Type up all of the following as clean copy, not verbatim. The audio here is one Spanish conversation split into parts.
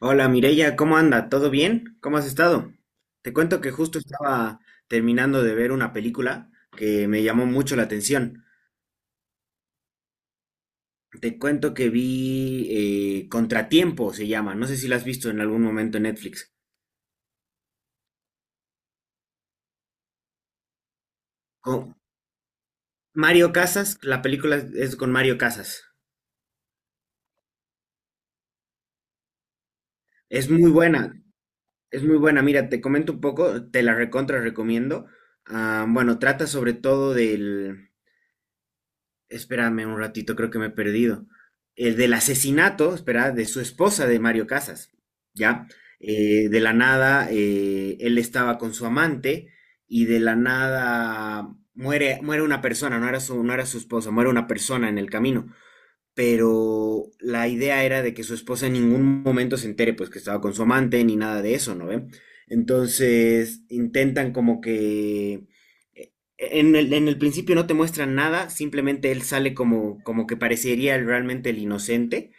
Hola Mireya, ¿cómo anda? ¿Todo bien? ¿Cómo has estado? Te cuento que justo estaba terminando de ver una película que me llamó mucho la atención. Te cuento que vi Contratiempo, se llama. No sé si la has visto en algún momento en Netflix. Con Mario Casas, la película es con Mario Casas. Es muy buena, es muy buena. Mira, te comento un poco, te la recontra recomiendo. Ah, bueno, trata sobre todo del, espérame un ratito, creo que me he perdido. El del asesinato, espera, de su esposa de Mario Casas, ¿ya? De la nada, él estaba con su amante y de la nada muere, muere una persona, no era su esposa, muere una persona en el camino, pero la idea era de que su esposa en ningún momento se entere, pues que estaba con su amante ni nada de eso, ¿no ve? Entonces intentan como que eh, en el principio no te muestran nada, simplemente él sale como, como que parecería realmente el inocente,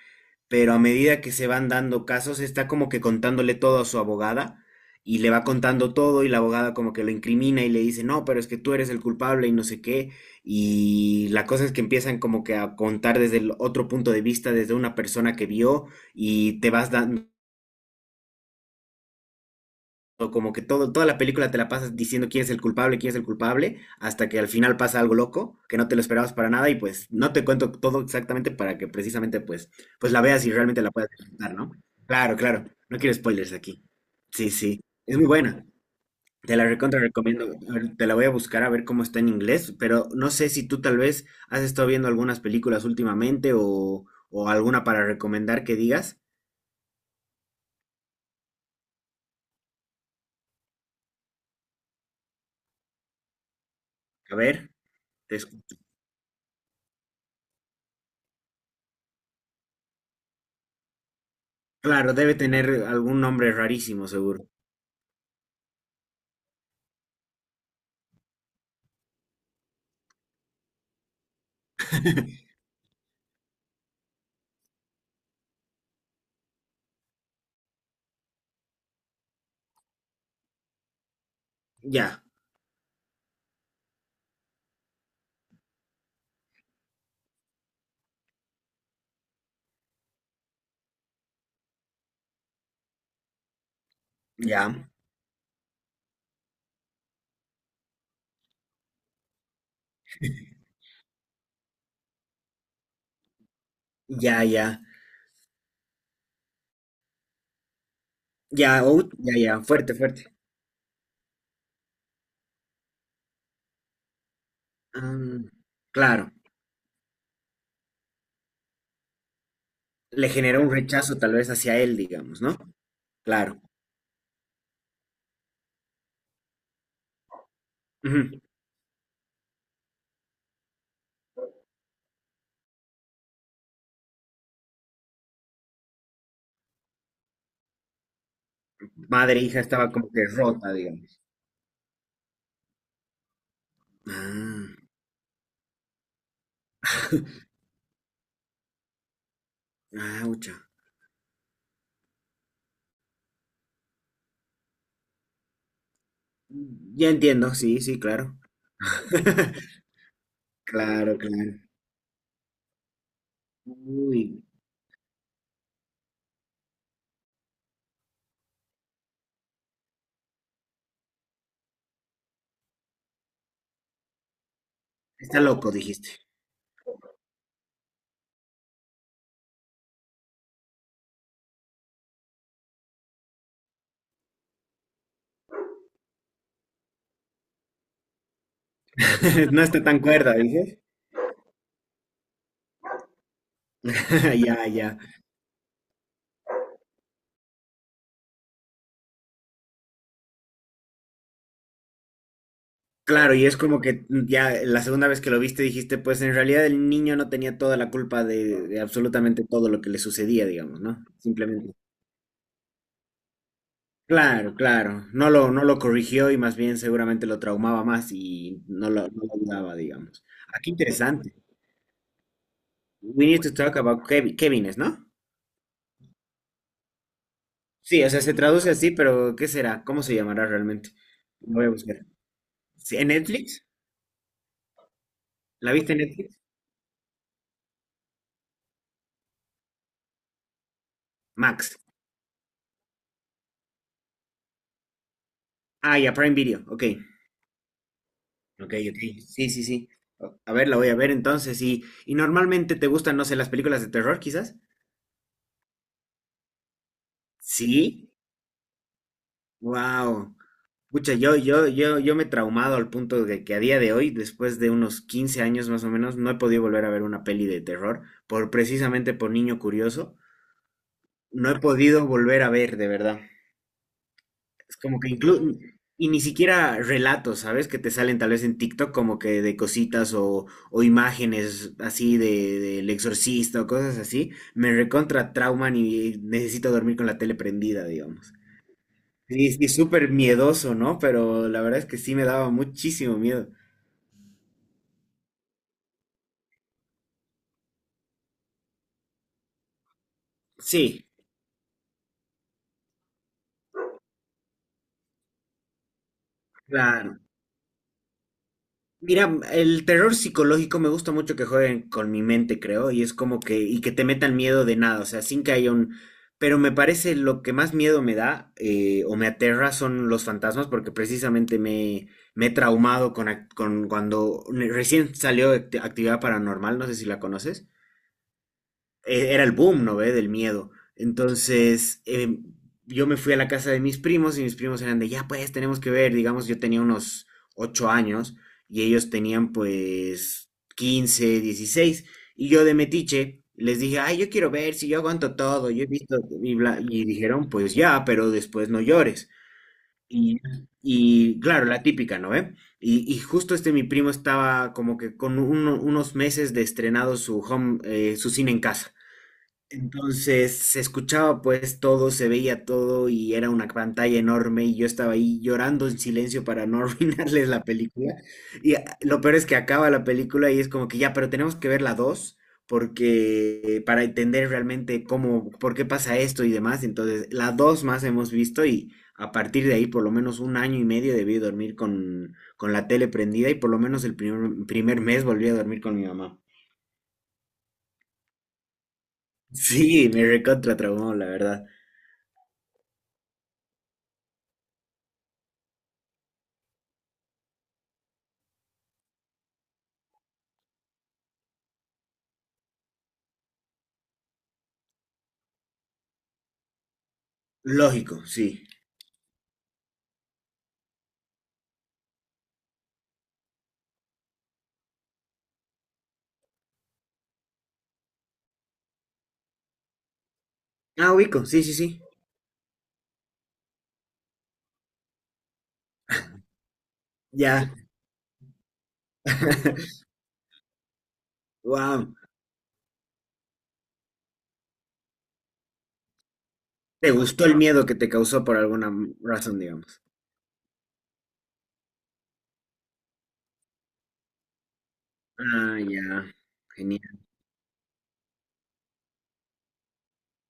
pero a medida que se van dando casos, está como que contándole todo a su abogada y le va contando todo y la abogada como que lo incrimina y le dice, no, pero es que tú eres el culpable y no sé qué. Y la cosa es que empiezan como que a contar desde el otro punto de vista, desde una persona que vio y te vas dando como que todo, toda la película te la pasas diciendo quién es el culpable, quién es el culpable, hasta que al final pasa algo loco, que no te lo esperabas para nada, y pues no te cuento todo exactamente para que precisamente pues, pues la veas y realmente la puedas disfrutar, ¿no? Claro, claro, no quiero spoilers aquí. Sí, sí, es muy buena. Te la recontra recomiendo. A ver, te la voy a buscar a ver cómo está en inglés, pero no sé si tú tal vez has estado viendo algunas películas últimamente o alguna para recomendar que digas. A ver, te escu- claro, debe tener algún nombre rarísimo, seguro. Ya, ya, ya, ya, ya, out, ya, ya, fuerte, fuerte. Ah, claro, le generó un rechazo tal vez hacia él, digamos, ¿no? Claro. Ujú. Madre e hija estaba como que rota, digamos. Ah, aucha. Ya entiendo, sí, sí, claro. Claro, claro. Uy, está loco, dijiste. No está tan cuerda, dices. Ya, ya. Claro, y es como que ya la segunda vez que lo viste dijiste, pues en realidad el niño no tenía toda la culpa de absolutamente todo lo que le sucedía, digamos, ¿no? Simplemente. Claro, claro. No lo corrigió y más bien seguramente lo traumaba más y no lo ayudaba, digamos. Ah, qué interesante. We need to talk about Kevines, ¿no? Sí, o sea, se traduce así, pero ¿qué será? ¿Cómo se llamará realmente? Lo voy a buscar. Sí, ¿en Netflix? ¿La viste en Netflix? Max. Ah, ya, Prime Video. Ok. Ok, ok. Sí, sí, sí. O- a ver, la voy a ver entonces. Y normalmente te gustan, no sé, las películas de terror, quizás. Sí. Wow. Pucha, yo me he traumado al punto de que a día de hoy, después de unos 15 años más o menos, no he podido volver a ver una peli de terror, por precisamente por niño curioso. No he podido volver a ver, de verdad. Es como que incluso, y ni siquiera relatos, ¿sabes? Que te salen tal vez en TikTok como que de cositas o imágenes así de, del exorcista o cosas así. Me recontra trauman y necesito dormir con la tele prendida, digamos. Sí, sí, súper miedoso, ¿no? Pero la verdad es que sí me daba muchísimo miedo. Sí, claro. Mira, el terror psicológico me gusta mucho que jueguen con mi mente, creo, y es como que, y que te metan miedo de nada, o sea, sin que haya un... Pero me parece lo que más miedo me da o me aterra son los fantasmas, porque precisamente me he traumado con, con cuando recién salió Actividad Paranormal, no sé si la conoces era el boom, ¿no ve? Del miedo. Entonces, yo me fui a la casa de mis primos y mis primos eran de, ya pues, tenemos que ver, digamos, yo tenía unos ocho años y ellos tenían pues 15, 16 y yo de metiche les dije, ay, yo quiero ver si yo aguanto todo, yo he visto y, bla- y dijeron, pues ya, pero después no llores. Y, y claro, la típica, ¿no ve? Y justo este mi primo estaba como que con unos meses de estrenado su home, su cine en casa. Entonces se escuchaba pues todo, se veía todo y era una pantalla enorme y yo estaba ahí llorando en silencio para no arruinarles la película. Y lo peor es que acaba la película y es como que ya, pero tenemos que ver la 2 porque para entender realmente cómo, por qué pasa esto y demás. Entonces la 2 más hemos visto y a partir de ahí por lo menos un año y medio debí dormir con la tele prendida y por lo menos el primer mes volví a dormir con mi mamá. Sí, me recontra traumó, la verdad. Lógico, sí. Ah, ubico, sí, sí, sí. Ya. Wow. Te gustó el miedo que te causó por alguna razón, digamos. Ah, ya. Genial.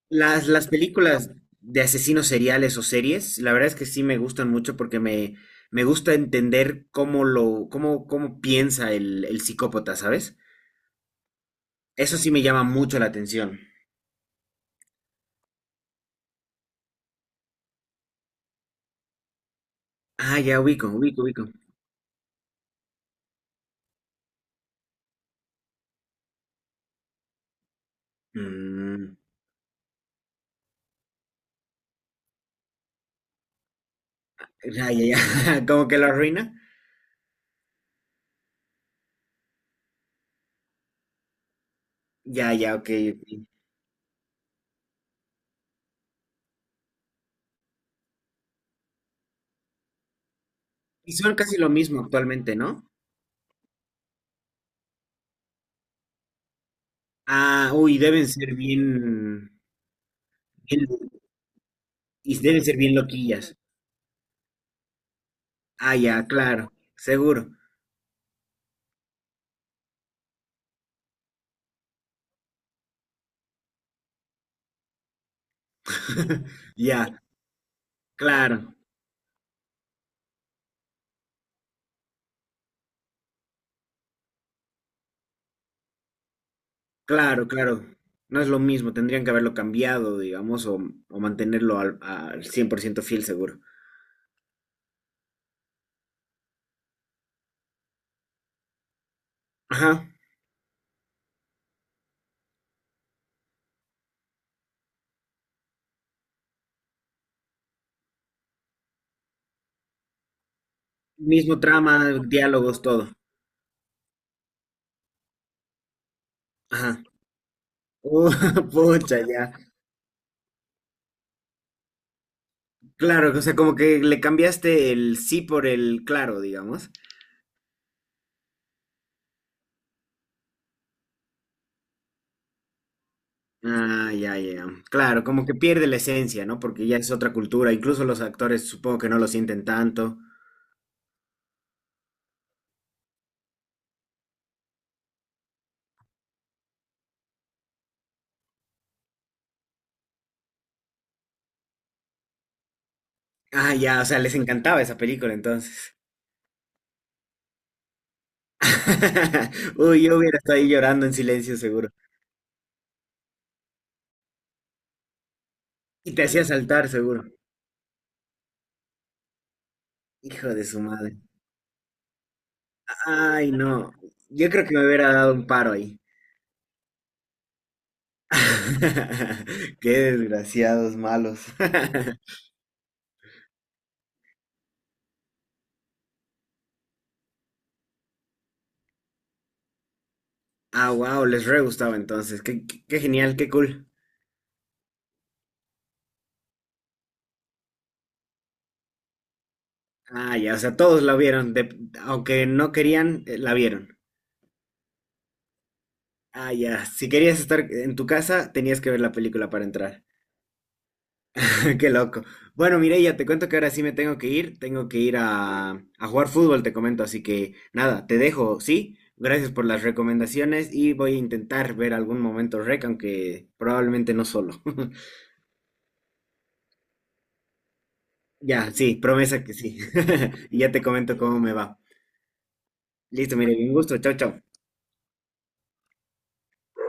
Las películas de asesinos seriales o series, la verdad es que sí me gustan mucho porque me gusta entender cómo, cómo piensa el psicópata, ¿sabes? Eso sí me llama mucho la atención. Ah, ya ubico, ubico, ubico. Mm, ya, ya, ya. Como que lo arruina. Ya, ya, ok. Ok. Y son casi lo mismo actualmente, ¿no? Ah, uy, deben ser bien, bien- y deben ser bien loquillas. Ah, ya, claro, seguro. Ya, claro, claro. No es lo mismo, tendrían que haberlo cambiado, digamos, o mantenerlo al, al 100% fiel, seguro. Ajá, mismo trama, diálogos, todo. Ajá. Oh pucha, ya. Claro, o sea, como que le cambiaste el sí por el claro, digamos. Ah, ya, ya. Claro, como que pierde la esencia, ¿no? Porque ya es otra cultura. Incluso los actores supongo que no lo sienten tanto. Ah, ya, o sea, les encantaba esa película entonces. Uy, yo hubiera estado ahí llorando en silencio seguro. Y te hacía saltar seguro. Hijo de su madre. Ay, no. Yo creo que me hubiera dado un paro ahí. Qué desgraciados malos. Ah, wow, les re gustaba entonces. Qué genial, qué cool. Ah, ya, o sea, todos la vieron, aunque no querían, la vieron. Ah, ya, si querías estar en tu casa, tenías que ver la película para entrar. Qué loco. Bueno, Mireya, te cuento que ahora sí me tengo que ir a jugar fútbol, te comento, así que nada, te dejo, ¿sí? Gracias por las recomendaciones y voy a intentar ver algún momento rec, aunque probablemente no solo. Ya, sí, promesa que sí. Y ya te comento cómo me va. Listo, Mireya, un gusto, chao, chao.